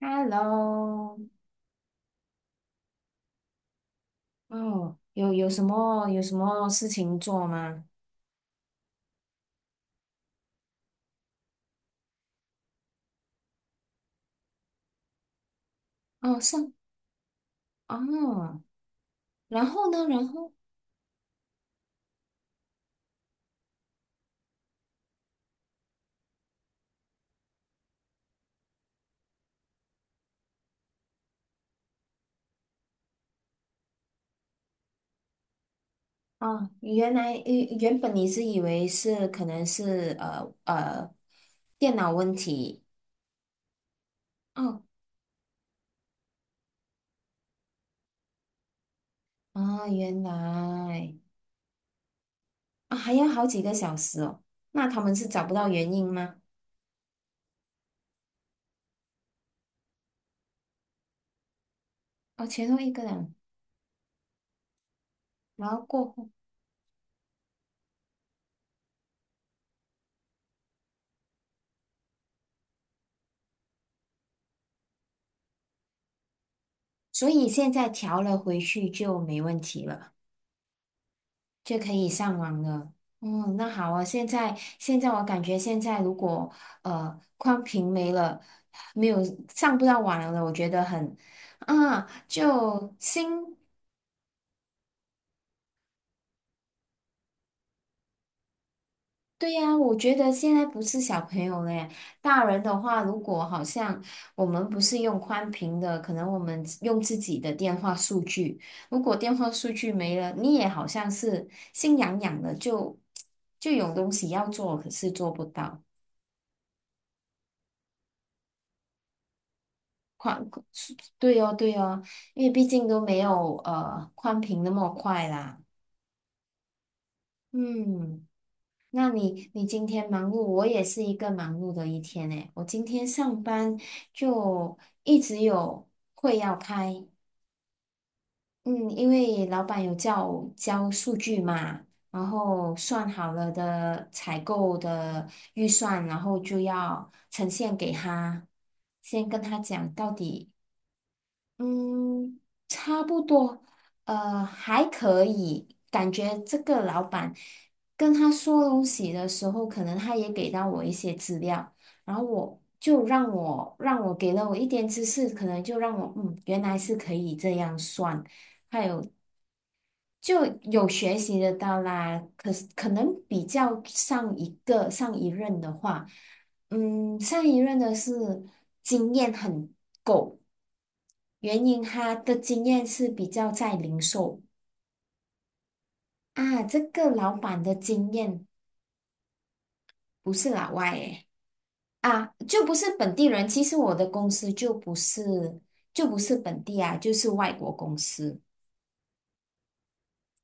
Hello，哦，有什么事情做吗？哦，上。哦，然后呢？然后。哦，原来原本你是以为是可能是电脑问题哦。啊，原来。啊还要好几个小时哦，那他们是找不到原因吗？哦，前后一个人。然后过后。所以现在调了回去就没问题了。就可以上网了。嗯，那好啊。现在我感觉现在如果宽屏没了，没有上不到网了，我觉得很。啊，就心。对呀，我觉得现在不是小朋友了耶。大人的话，如果好像我们不是用宽屏的，可能我们用自己的电话数据，如果电话数据没了，你也好像是心痒痒的，就有东西要做，可是做不到。宽。对哦，对哦，因为毕竟都没有宽屏那么快啦。嗯，那你今天忙碌，我也是一个忙碌的一天诶。我今天上班就一直有会要开，嗯，因为老板有叫我交数据嘛，然后算好了的采购的预算，然后就要呈现给他，先跟他讲到底。嗯，差不多，还可以。感觉这个老板跟他说东西的时候，可能他也给到我一些资料，然后我就让我给了我一点知识，可能就让我嗯，原来是可以这样算。就有学习得到啦，可是可能比较上一任的话，嗯，上一任的是经验很够，原因他的经验是比较在零售啊，这个老板的经验不是老外诶，啊，就不是本地人。其实我的公司就不是本地啊，就是外国公司，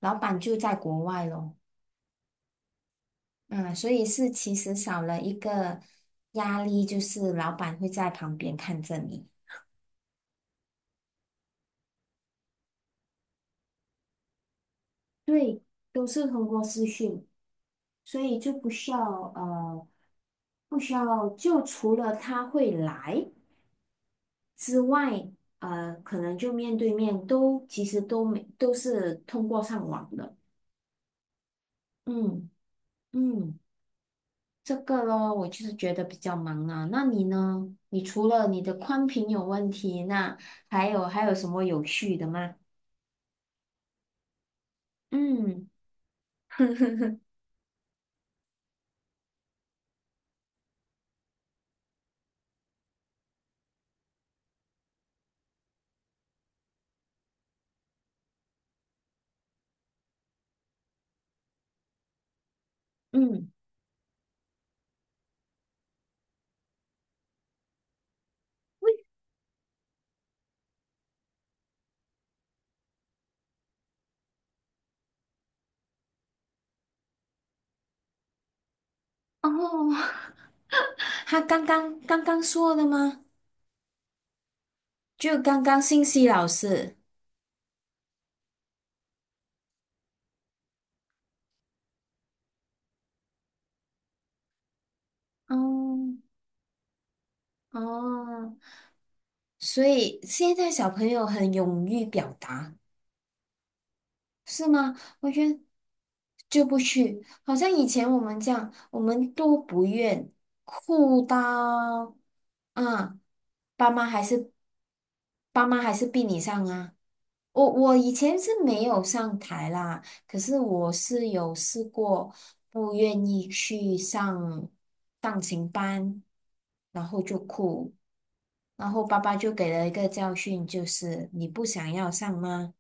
老板就在国外咯。嗯，所以是其实少了一个压力，就是老板会在旁边看着你。对，都是通过视讯，所以就不需要呃，不需要就除了他会来之外，可能就面对面都其实都没都是通过上网的。嗯嗯，这个咯，我就是觉得比较忙啊。那你呢？你除了你的宽频有问题，那还有什么有趣的吗？嗯。嗯，哦，他刚刚说的吗？就刚刚信息老师。哦哦，所以现在小朋友很勇于表达，是吗？我觉得就不去，好像以前我们这样，我们都不愿哭到，啊，爸妈还是爸妈还是逼你上啊。我以前是没有上台啦，可是我是有试过不愿意去上钢琴班，然后就哭，然后爸爸就给了一个教训，就是你不想要上吗？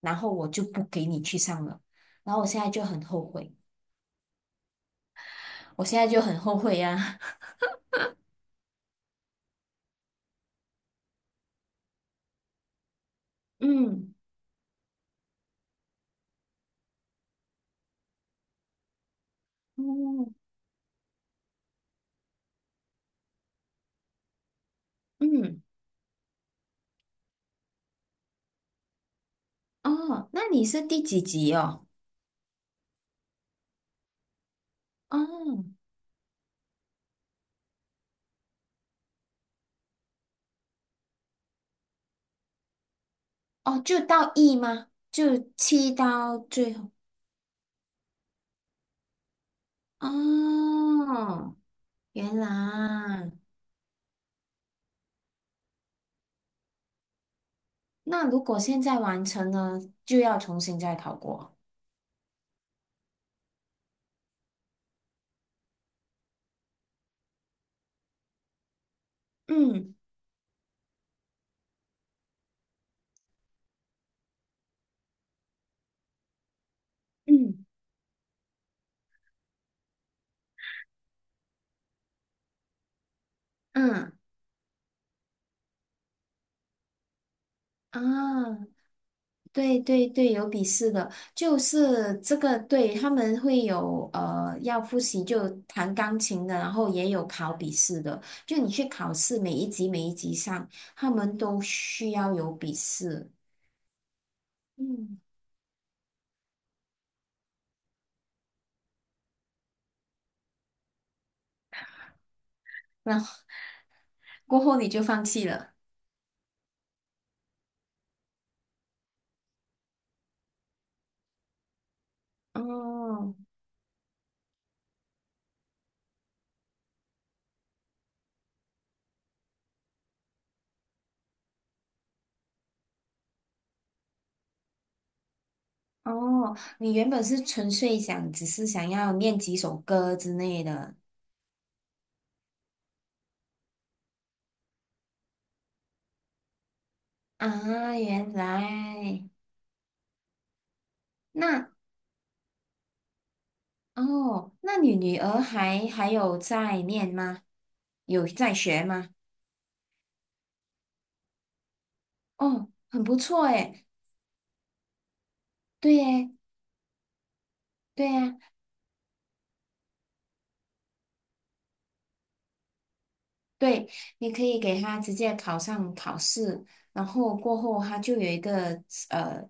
然后我就不给你去上了，然后我现在就很后悔，我现在就很后悔呀、嗯，哦，嗯，哦，那你是第几集哦？哦，哦，就到 E 吗？就七到最后。哦，原来，那如果现在完成了，就要重新再考过。嗯嗯嗯啊，对对对，有笔试的，就是这个，对，他们会有要复习，就弹钢琴的，然后也有考笔试的，就你去考试，每一级每一级上，他们都需要有笔试。嗯，然后过后你就放弃了。哦哦，你原本是纯粹想，只是想要念几首歌之类的啊，原来那哦，那你女儿还有在念吗？有在学吗？哦，很不错诶，对诶，对呀，对，你可以给她直接考上考试，然后过后她就有一个呃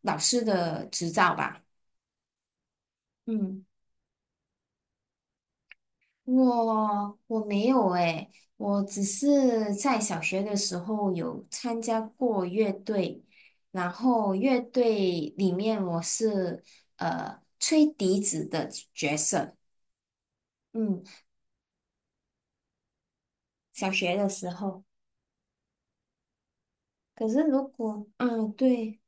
老师的执照吧，嗯。我没有诶，我只是在小学的时候有参加过乐队，然后乐队里面我是吹笛子的角色，嗯，小学的时候。可是如果嗯对，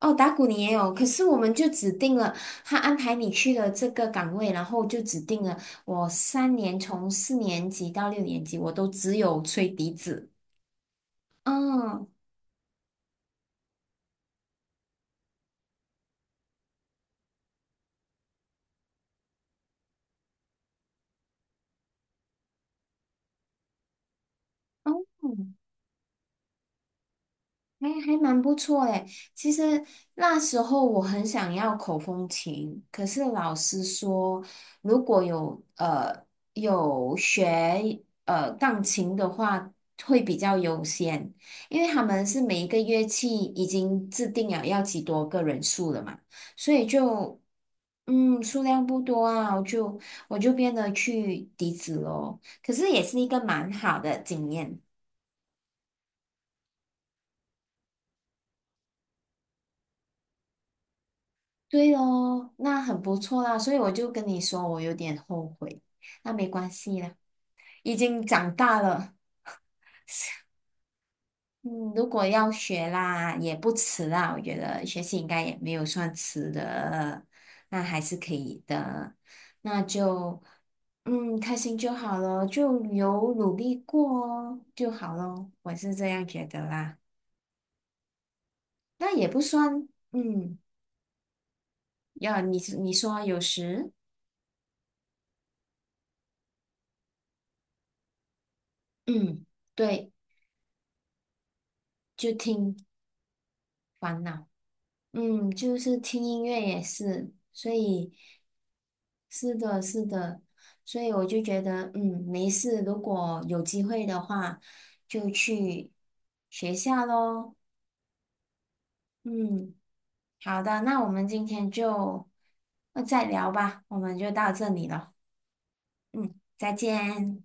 哦打鼓你也有，可是我们就指定了他安排你去了这个岗位，然后就指定了我3年从4年级到6年级我都只有吹笛子，嗯。哦哎，还蛮不错诶。其实那时候我很想要口风琴，可是老师说，如果有学钢琴的话，会比较优先，因为他们是每一个乐器已经制定了要几多个人数了嘛，所以就数量不多啊，我就变得去笛子咯。可是也是一个蛮好的经验。对哦，那很不错啦，所以我就跟你说，我有点后悔，那没关系啦，已经长大了，嗯，如果要学啦，也不迟啦，我觉得学习应该也没有算迟的，那还是可以的，那就开心就好咯，就有努力过哦就好咯，我是这样觉得啦，那也不算，嗯，要你说有时，嗯，对，就听烦恼。嗯，就是听音乐也是，所以是的，是的，所以我就觉得，嗯，没事，如果有机会的话，就去学校喽。嗯，好的，那我们今天就再聊吧，我们就到这里了。嗯，再见。